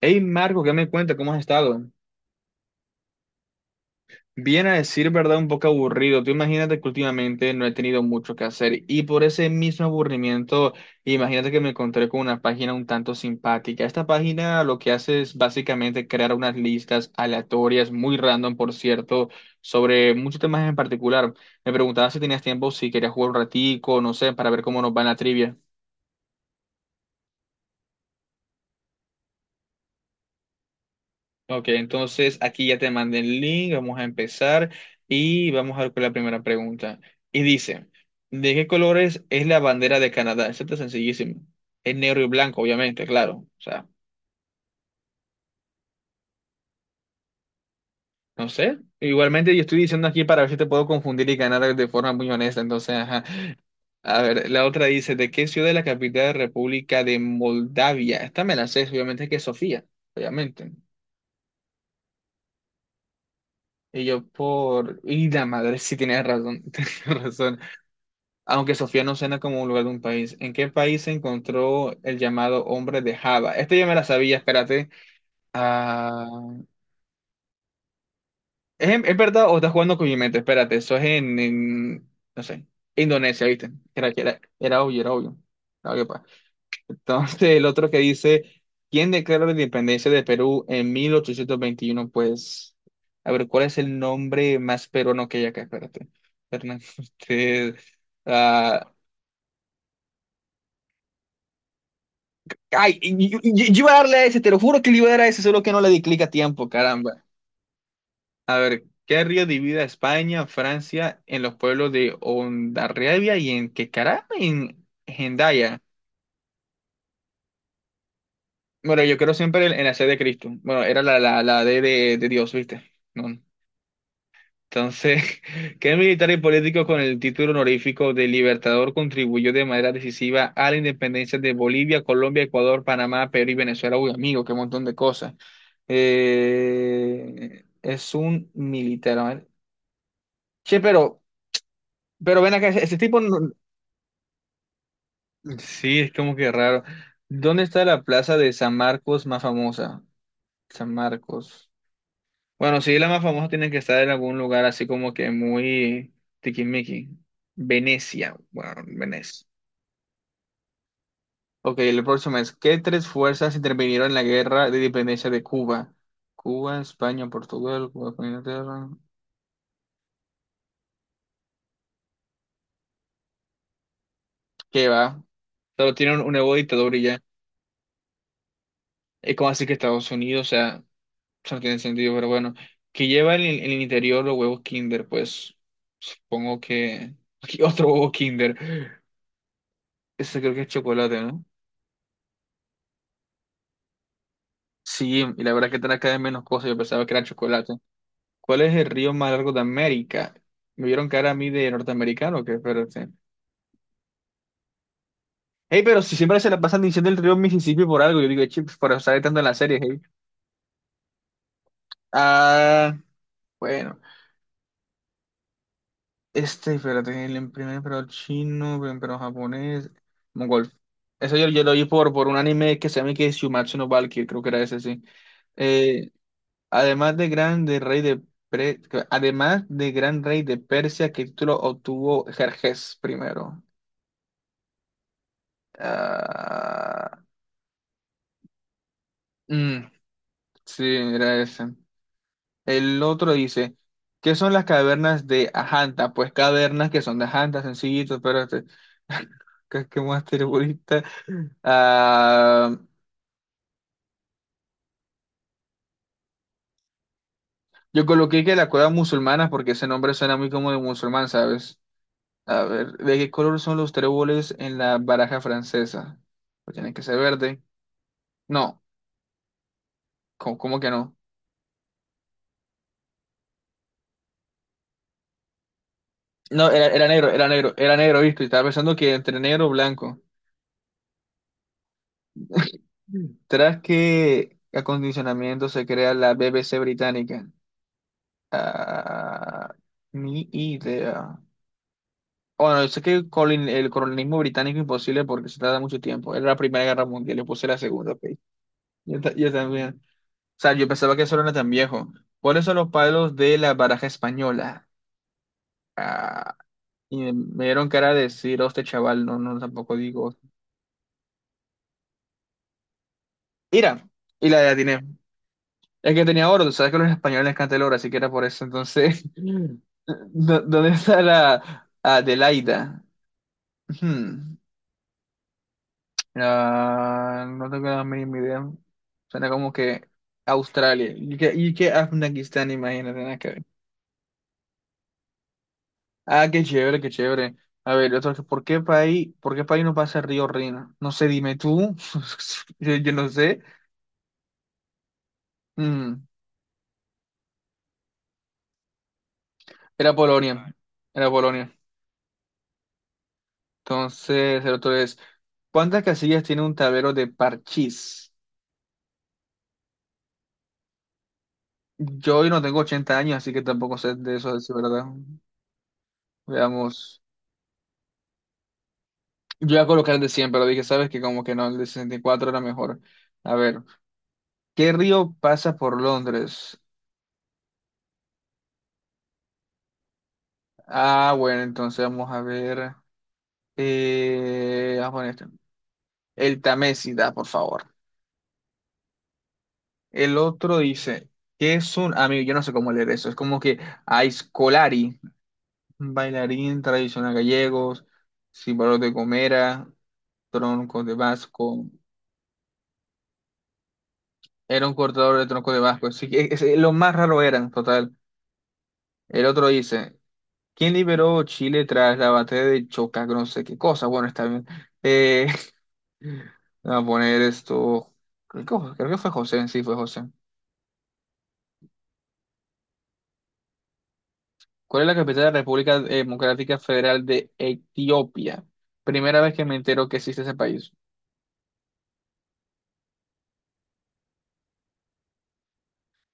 Hey Marco, ¿qué me cuenta? ¿Cómo has estado? Bien a decir verdad, un poco aburrido. Tú imagínate que últimamente no he tenido mucho que hacer y por ese mismo aburrimiento, imagínate que me encontré con una página un tanto simpática. Esta página lo que hace es básicamente crear unas listas aleatorias, muy random, por cierto, sobre muchos temas en particular. Me preguntaba si tenías tiempo, si querías jugar un ratico, no sé, para ver cómo nos va en la trivia. Ok, entonces aquí ya te mandé el link, vamos a empezar y vamos a ver con la primera pregunta. Y dice, ¿de qué colores es la bandera de Canadá? Esto está sencillísimo. Es negro y blanco, obviamente, claro. O sea, no sé. Igualmente yo estoy diciendo aquí para ver si te puedo confundir y ganar de forma muy honesta. Entonces, ajá. A ver, la otra dice, ¿de qué ciudad es la capital de República de Moldavia? Esta me la sé, obviamente que es Sofía, obviamente. Y yo por... Y la madre, sí tienes razón, tienes razón. Aunque Sofía no suena como un lugar de un país. ¿En qué país se encontró el llamado hombre de Java? Este ya me la sabía, espérate. Ah, ¿es, es verdad o estás jugando con mi mente? Espérate, eso es en, no sé, Indonesia, ¿viste? Era obvio, era obvio. Era obvio, pa. Entonces, el otro que dice, ¿quién declaró la independencia de Perú en 1821? Pues, a ver, ¿cuál es el nombre más peruano que hay acá? Espérate. Hernán Cortés. Ah, ay, yo iba a darle a ese, te lo juro que le iba a dar a ese, solo que no le di clic a tiempo, caramba. A ver, ¿qué río divide a España, Francia, en los pueblos de Hondarribia y en qué caramba? En Hendaya. Bueno, yo creo siempre en, la sed de Cristo. Bueno, era la D de Dios, ¿viste? No. Entonces, ¿qué militar y político con el título honorífico de Libertador contribuyó de manera decisiva a la independencia de Bolivia, Colombia, Ecuador, Panamá, Perú y Venezuela? Uy, amigo, qué montón de cosas. Es un militar. A ver. Che, pero, ven acá, ese tipo no-. Sí, es como que raro. ¿Dónde está la plaza de San Marcos más famosa? San Marcos. Bueno, sí, la más famosa tiene que estar en algún lugar así como que muy tiquismiqui. Venecia, bueno, Venecia. Ok, el próximo es, ¿qué tres fuerzas intervinieron en la guerra de independencia de Cuba? Cuba, España, Portugal. Cuba, España, Inglaterra. ¿Qué va? Solo tienen un nuevo dictador y ya. Es como así que Estados Unidos, o sea, eso no tiene sentido, pero bueno. Que lleva en el interior los huevos Kinder, pues supongo que... Aquí otro huevo Kinder. Ese creo que es chocolate, ¿no? Sí, y la verdad que trae cada vez menos cosas, yo pensaba que era chocolate. ¿Cuál es el río más largo de América? Me vieron cara a mí de norteamericano, que espérate. Hey, pero si siempre se la pasan diciendo el río Mississippi por algo, yo digo, chips, por estar tanto en la serie, hey. Ah, bueno, este, espérate, el primer emperador chino, primer emperador japonés, mongol. Eso yo lo oí por, un anime que se llama que es Shumatsu no Valkyrie, creo que era ese, sí. Eh, Además de gran de rey de Pre- además de gran rey de Persia, ¿qué título obtuvo Jerjes primero? Ah, mm, sí, era ese. El otro dice, ¿qué son las cavernas de Ajanta? Pues cavernas que son de Ajanta, sencillito, pero este, ¿qué, más terrorista? Ah, yo coloqué que la cueva musulmana porque ese nombre suena muy como de musulmán, ¿sabes? A ver, ¿de qué color son los tréboles en la baraja francesa? Pues tienen que ser verde. No, ¿cómo que no? No, era negro, era negro, era negro, ¿viste? Y estaba pensando que entre negro o blanco. Mm. Tras que acondicionamiento se crea la BBC británica. Ah, ni idea. Bueno, yo sé que el colonialismo británico imposible porque se tarda mucho tiempo. Era la Primera Guerra Mundial, yo puse la Segunda, ok. Yo también. O sea, yo pensaba que eso no era tan viejo. ¿Cuáles son los palos de la baraja española? Ah, y me dieron cara de decir, este chaval, no, no, tampoco digo. Mira, y la atiné. Es que tenía oro, tú sabes que a los españoles les encanta el oro, así que era por eso. Entonces, ¿dónde está la Adelaida? Hmm, ah, no tengo la mínima idea. Suena como que Australia. y que, Afganistán, imagínate. Ah, qué chévere, qué chévere. A ver, otro, que, ¿por qué país no pasa el río Rina? No sé, dime tú. Yo no sé. Mm, Era Polonia. Era Polonia. Entonces, el otro es, ¿cuántas casillas tiene un tablero de parchís? Yo hoy no tengo 80 años, así que tampoco sé de eso, es verdad. Veamos. Yo voy a colocar el de 100, pero dije, ¿sabes que como que no, el de 64 era mejor. A ver, ¿qué río pasa por Londres? Ah, bueno, entonces vamos a ver. Vamos a poner este. El Tamésida, por favor. El otro dice, ¿qué es un amigo? Yo no sé cómo leer eso. Es como que Aiscolari, bailarín tradicional gallegos, símbolo de Gomera, troncos de Vasco. Era un cortador de troncos de Vasco. Sí que lo más raro eran, total. El otro dice, ¿quién liberó Chile tras la batalla de Chocac? No sé qué cosa. Bueno, está bien. Eh, Vamos a poner esto. Creo que fue José, sí, fue José. ¿Cuál es la capital de la República Democrática Federal de Etiopía? Primera vez que me entero que existe ese país.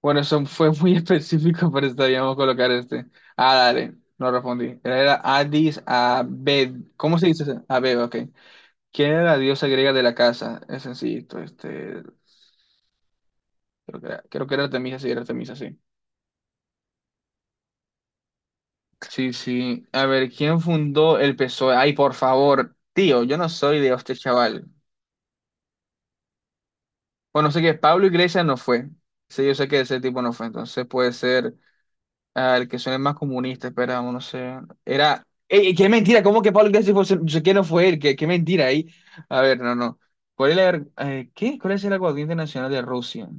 Bueno, eso fue muy específico, pero estaríamos colocar este. Ah, dale, no respondí. Era Addis Abed. ¿Cómo se dice? ¿Ese? Abeba, ok. ¿Quién era la diosa griega de la casa? Es sencillito, este. Creo que era Artemisa, sí, era Artemisa, sí. Sí, sí. A ver, ¿quién fundó el PSOE? Ay, por favor, tío, yo no soy de este chaval. Bueno, sé que Pablo Iglesias no fue. Sí, yo sé que ese tipo no fue. Entonces puede ser el que suene más comunista. Esperamos, no sé. Era. ¡Ey, qué mentira! ¿Cómo que Pablo Iglesias fue? Yo sé que no fue él. qué, mentira ahí? A ver, no, no. ¿Cuál es la, ver- ¿qué? ¿Cuál es el aguardiente nacional de Rusia?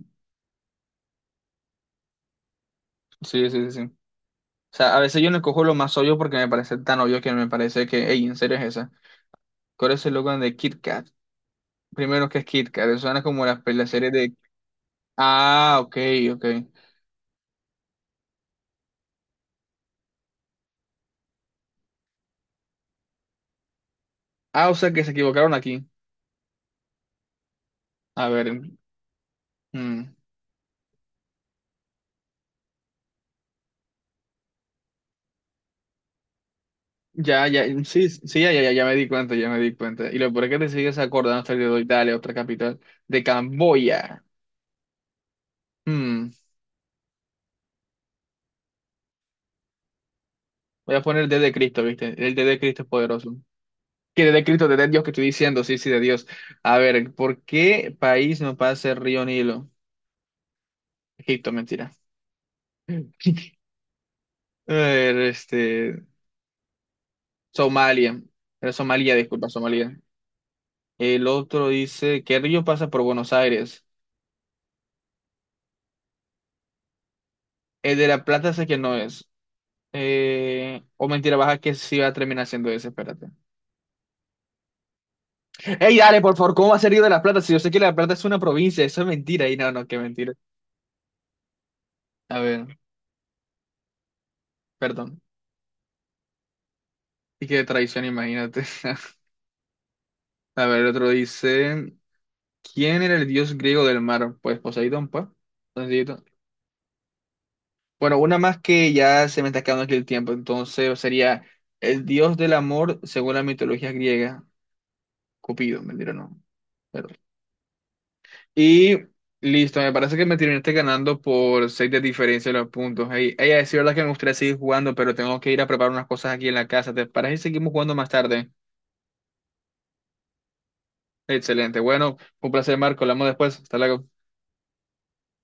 Sí, sí, sí, sí. O sea, a veces yo no cojo lo más obvio porque me parece tan obvio que me parece que, ey, ¿en serio es esa? ¿Cuál es el logo de Kit Kat? Primero, que es Kit Kat? Eso suena como las, la serie de... Ah, ok, ok. Ah, o sea que se equivocaron aquí. A ver. Mm. Ya, ya, sí, sí, ya, ya, ya me di cuenta, ya me di cuenta. Y lo peor es que te sigues acordando hasta el día de hoy, dale, otra capital, de Camboya. Mm. Voy a poner el D de Cristo, ¿viste? El D de Cristo es poderoso. Que D de Cristo, D de Dios que estoy diciendo, sí, sí, de Dios. A ver, ¿por qué país no pasa el río Nilo? Egipto, mentira. A ver, este, Somalia. Era Somalia, disculpa, Somalia. El otro dice, ¿qué río pasa por Buenos Aires? El de La Plata sé que no es. O mentira, baja que sí va a terminar siendo ese, espérate. Ey, dale, por favor, ¿cómo va a ser Río de la Plata? Si yo sé que La Plata es una provincia, eso es mentira. Y no, no, qué mentira. A ver, perdón. Y qué traición, imagínate. A ver, otro dice, ¿quién era el dios griego del mar? Pues Poseidón, pues. Sencillito. Bueno, una más que ya se me está acabando aquí el tiempo, entonces sería el dios del amor según la mitología griega, Cupido, mentira, no. Perdón. Y listo, me parece que me terminaste ganando por 6 de diferencia de los puntos. Ey, ey, es verdad que me gustaría seguir jugando, pero tengo que ir a preparar unas cosas aquí en la casa. ¿Te parece si seguimos jugando más tarde? Excelente. Bueno, un placer, Marco. Hablamos después. Hasta luego.